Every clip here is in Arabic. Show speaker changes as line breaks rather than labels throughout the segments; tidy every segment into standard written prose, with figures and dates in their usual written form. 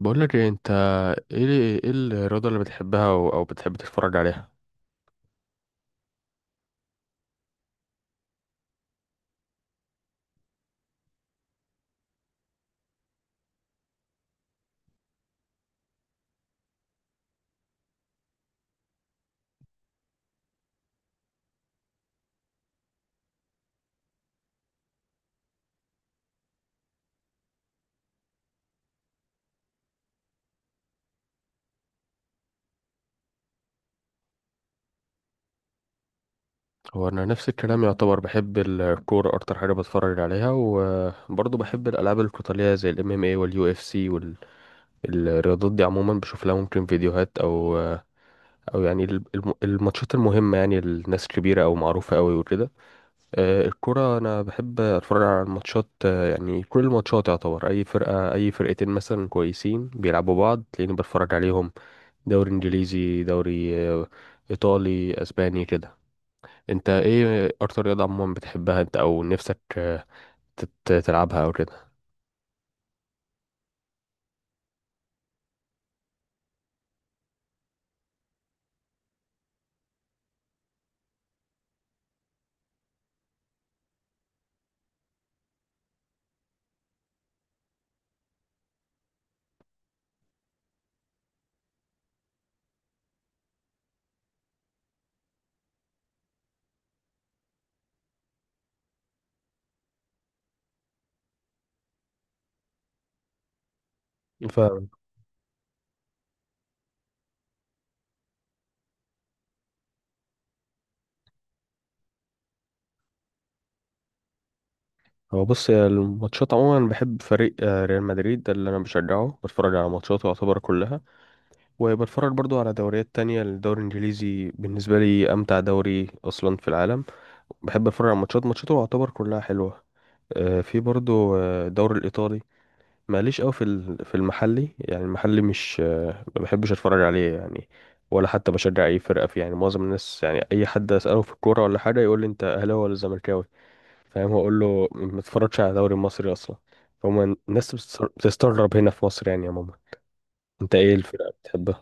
بقول لك ايه انت؟ ايه ايه الرياضه اللي بتحبها أو بتحب تتفرج عليها؟ هو انا نفس الكلام يعتبر، بحب الكوره اكتر حاجه بتفرج عليها، وبرضه بحب الالعاب القتاليه زي الMMA واليو اف سي. والرياضات دي عموما بشوف لها ممكن فيديوهات، او يعني الماتشات المهمه، يعني الناس كبيره او معروفه قوي وكده. الكرة أنا بحب أتفرج على الماتشات، يعني كل الماتشات يعتبر، أي فرقة أي فرقتين مثلا كويسين بيلعبوا بعض تلاقيني بتفرج عليهم. دوري إنجليزي، دوري إيطالي، أسباني كده. أنت إيه أكتر رياضة عموما بتحبها أنت أو نفسك، آه، تلعبها أو كده؟ فاهم. هو بص يا، الماتشات عموما بحب فريق، ريال مدريد ده اللي انا بشجعه، بتفرج على ماتشاته يعتبر كلها، وبتفرج برضو على دوريات تانية. الدوري الانجليزي بالنسبة لي امتع دوري اصلا في العالم، بحب اتفرج على ماتشاته يعتبر كلها حلوه. في برضو الدوري الايطالي. ماليش قوي في في المحلي، يعني المحلي مش، ما بحبش اتفرج عليه يعني، ولا حتى بشجع اي فرقه فيه. يعني معظم الناس، يعني اي حد اساله في الكوره ولا حاجه يقول لي انت اهلاوي ولا زملكاوي، فاهم، هقول له ما اتفرجش على الدوري المصري اصلا. فهم الناس بتستغرب هنا في مصر يعني يا ماما. انت ايه الفرقه بتحبها؟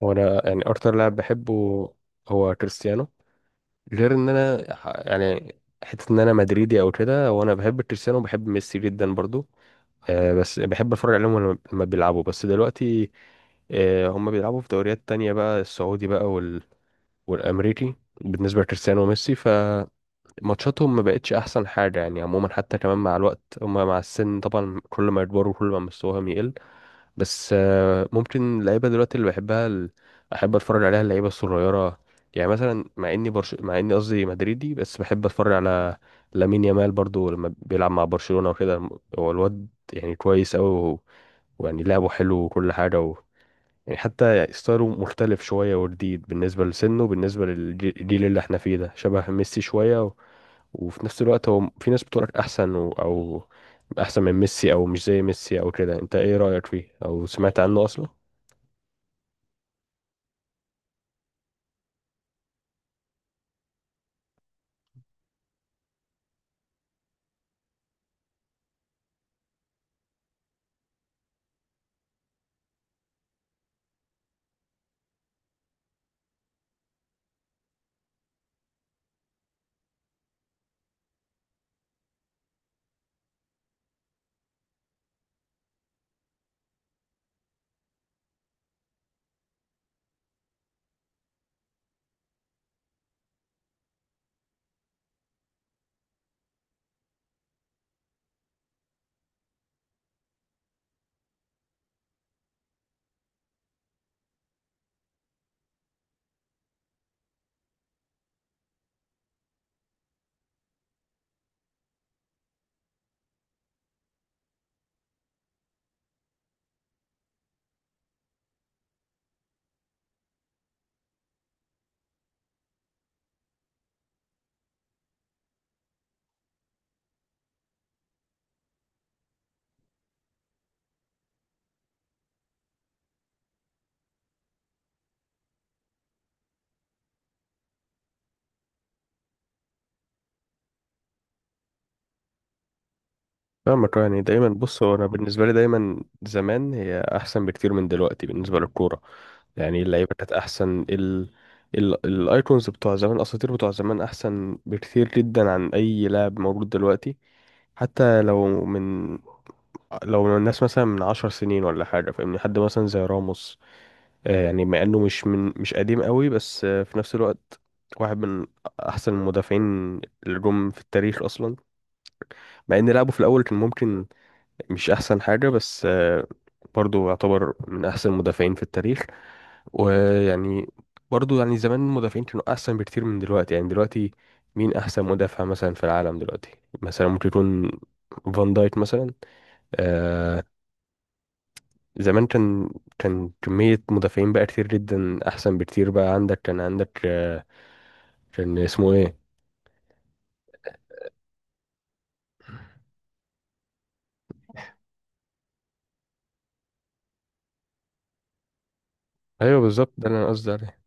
وانا يعني اكتر لاعب بحبه هو كريستيانو، غير ان انا يعني حته ان انا مدريدي او كده، وانا بحب كريستيانو وبحب ميسي جدا برضو. بس بحب اتفرج عليهم لما بيلعبوا. بس دلوقتي هم بيلعبوا في دوريات تانية بقى، السعودي بقى والامريكي. بالنسبه لكريستيانو وميسي فماتشاتهم ما بقتش احسن حاجه، يعني عموما حتى كمان مع الوقت هم مع السن طبعا، كل ما يكبروا كل ما مستواهم يقل. بس ممكن اللعيبه دلوقتي اللي بحبها، احب اتفرج عليها، اللعيبه الصغيره. يعني مثلا مع اني قصدي مدريدي، بس بحب اتفرج على لامين يامال برضو لما بيلعب مع برشلونه وكده. هو الواد يعني كويس قوي ويعني لعبه حلو وكل حاجه، يعني حتى يعني ستايله مختلف شويه وجديد، بالنسبه لسنه بالنسبه للجيل اللي احنا فيه ده، شبه ميسي شويه. وفي نفس الوقت هو في ناس بتقولك احسن او احسن من ميسي، او مش زي ميسي او كده. انت ايه رأيك فيه او سمعت عنه اصلا؟ فاهمك. يعني دايما بص هو انا بالنسبه لي دايما زمان هي احسن بكتير من دلوقتي بالنسبه للكوره. يعني إيه، اللعيبه كانت احسن، ال ال الايكونز بتوع زمان، الاساطير بتوع زمان احسن بكتير جدا عن اي لاعب موجود دلوقتي. حتى لو الناس مثلا من 10 سنين ولا حاجه، فاهمني، حد مثلا زي راموس، يعني مع انه مش قديم قوي، بس في نفس الوقت واحد من احسن المدافعين اللي جم في التاريخ اصلا، مع ان لعبه في الاول كان ممكن مش احسن حاجه، بس برضه يعتبر من احسن المدافعين في التاريخ. ويعني برضه يعني زمان المدافعين كانوا احسن بكتير من دلوقتي. يعني دلوقتي مين احسن مدافع مثلا في العالم دلوقتي؟ مثلا ممكن يكون فان دايك مثلا. آه، زمان كان كمية مدافعين بقى كتير جدا، أحسن بكتير بقى. عندك كان عندك كان اسمه إيه؟ أيوه بالظبط، ده اللي أنا قصدي عليه.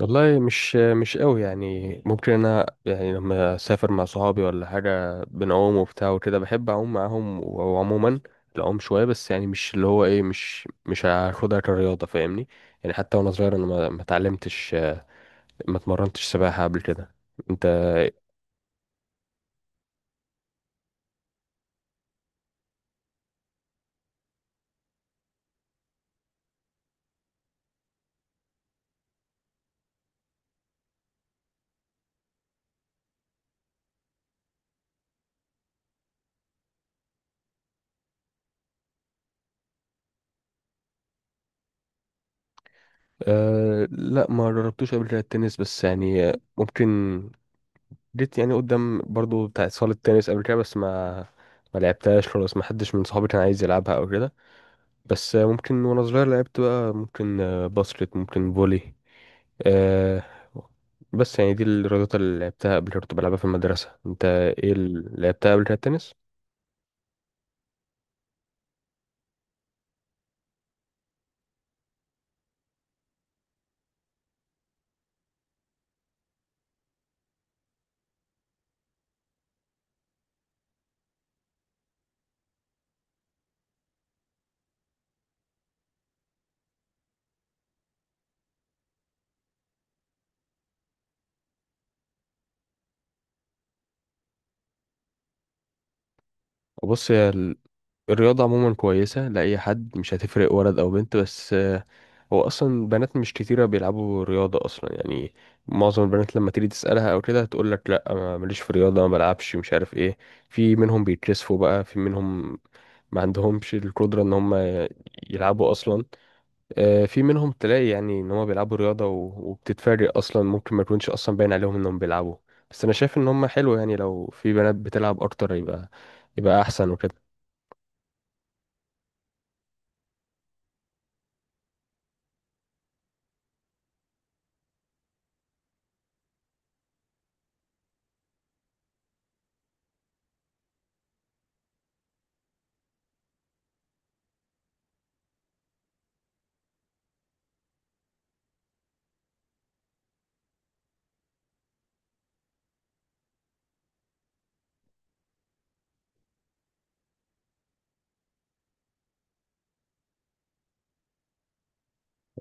والله مش، مش قوي، يعني ممكن أنا يعني لما أسافر مع صحابي ولا حاجة بنعوم وبتاع وكده، بحب أعوم معاهم. وعموما العوم شوية، بس يعني مش اللي هو إيه، مش هاخدها كرياضة، فاهمني؟ يعني حتى وأنا صغير أنا ما اتعلمتش، ما اتمرنتش سباحة قبل كده. أنت؟ أه، لا، ما جربتوش قبل كده التنس، بس يعني ممكن جيت يعني قدام برضو بتاع صالة التنس قبل كده، بس ما لعبتهاش خلاص، ما حدش من صحابي كان عايز يلعبها او كده. بس ممكن وانا صغير لعبت بقى، ممكن باسكت، ممكن فولي أه. بس يعني دي الرياضات اللي لعبتها قبل كده، كنت بلعبها في المدرسة. انت ايه اللي لعبتها قبل كده التنس؟ بص، الرياضة عموما كويسة لأي حد، مش هتفرق ولد أو بنت. بس هو اصلا بنات مش كتيره بيلعبوا رياضه اصلا، يعني معظم البنات لما تيجي تسالها او كده هتقول لك لا، ماليش في رياضه ما بلعبش مش عارف ايه. في منهم بيتكسفوا بقى، في منهم ما عندهمش القدره ان هم يلعبوا اصلا. في منهم تلاقي يعني ان هم بيلعبوا رياضه، و- وبتتفاجئ اصلا، ممكن ما يكونش اصلا باين عليهم انهم بيلعبوا. بس انا شايف ان هم حلو، يعني لو في بنات بتلعب اكتر يبقى احسن وكده.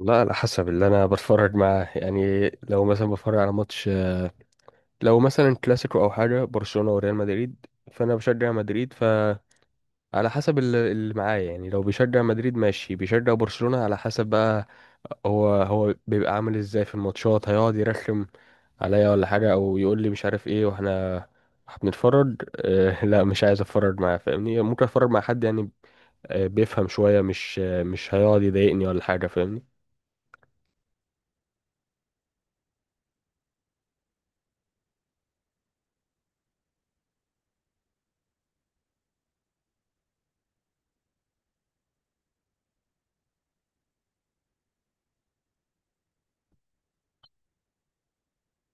لا، على حسب اللي انا بتفرج معاه، يعني لو مثلا بتفرج على ماتش، لو مثلا كلاسيكو او حاجه برشلونه وريال مدريد، فانا بشجع مدريد، فعلى حسب اللي معايا، يعني لو بيشجع مدريد ماشي، بيشجع برشلونه على حسب بقى، هو بيبقى عامل ازاي في الماتشات، هيقعد يرخم عليا ولا حاجه، او يقول لي مش عارف ايه واحنا بنتفرج؟ آه، لا، مش عايز اتفرج معاه، فاهمني؟ ممكن اتفرج مع حد يعني بيفهم شويه، مش، مش هيقعد يضايقني ولا حاجه، فاهمني؟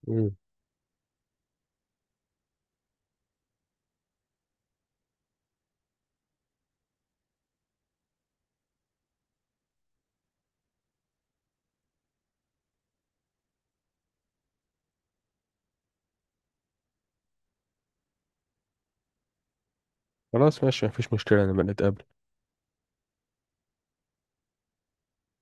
مم. خلاص ماشي، مفيش مشكله، نبقى نتقابل.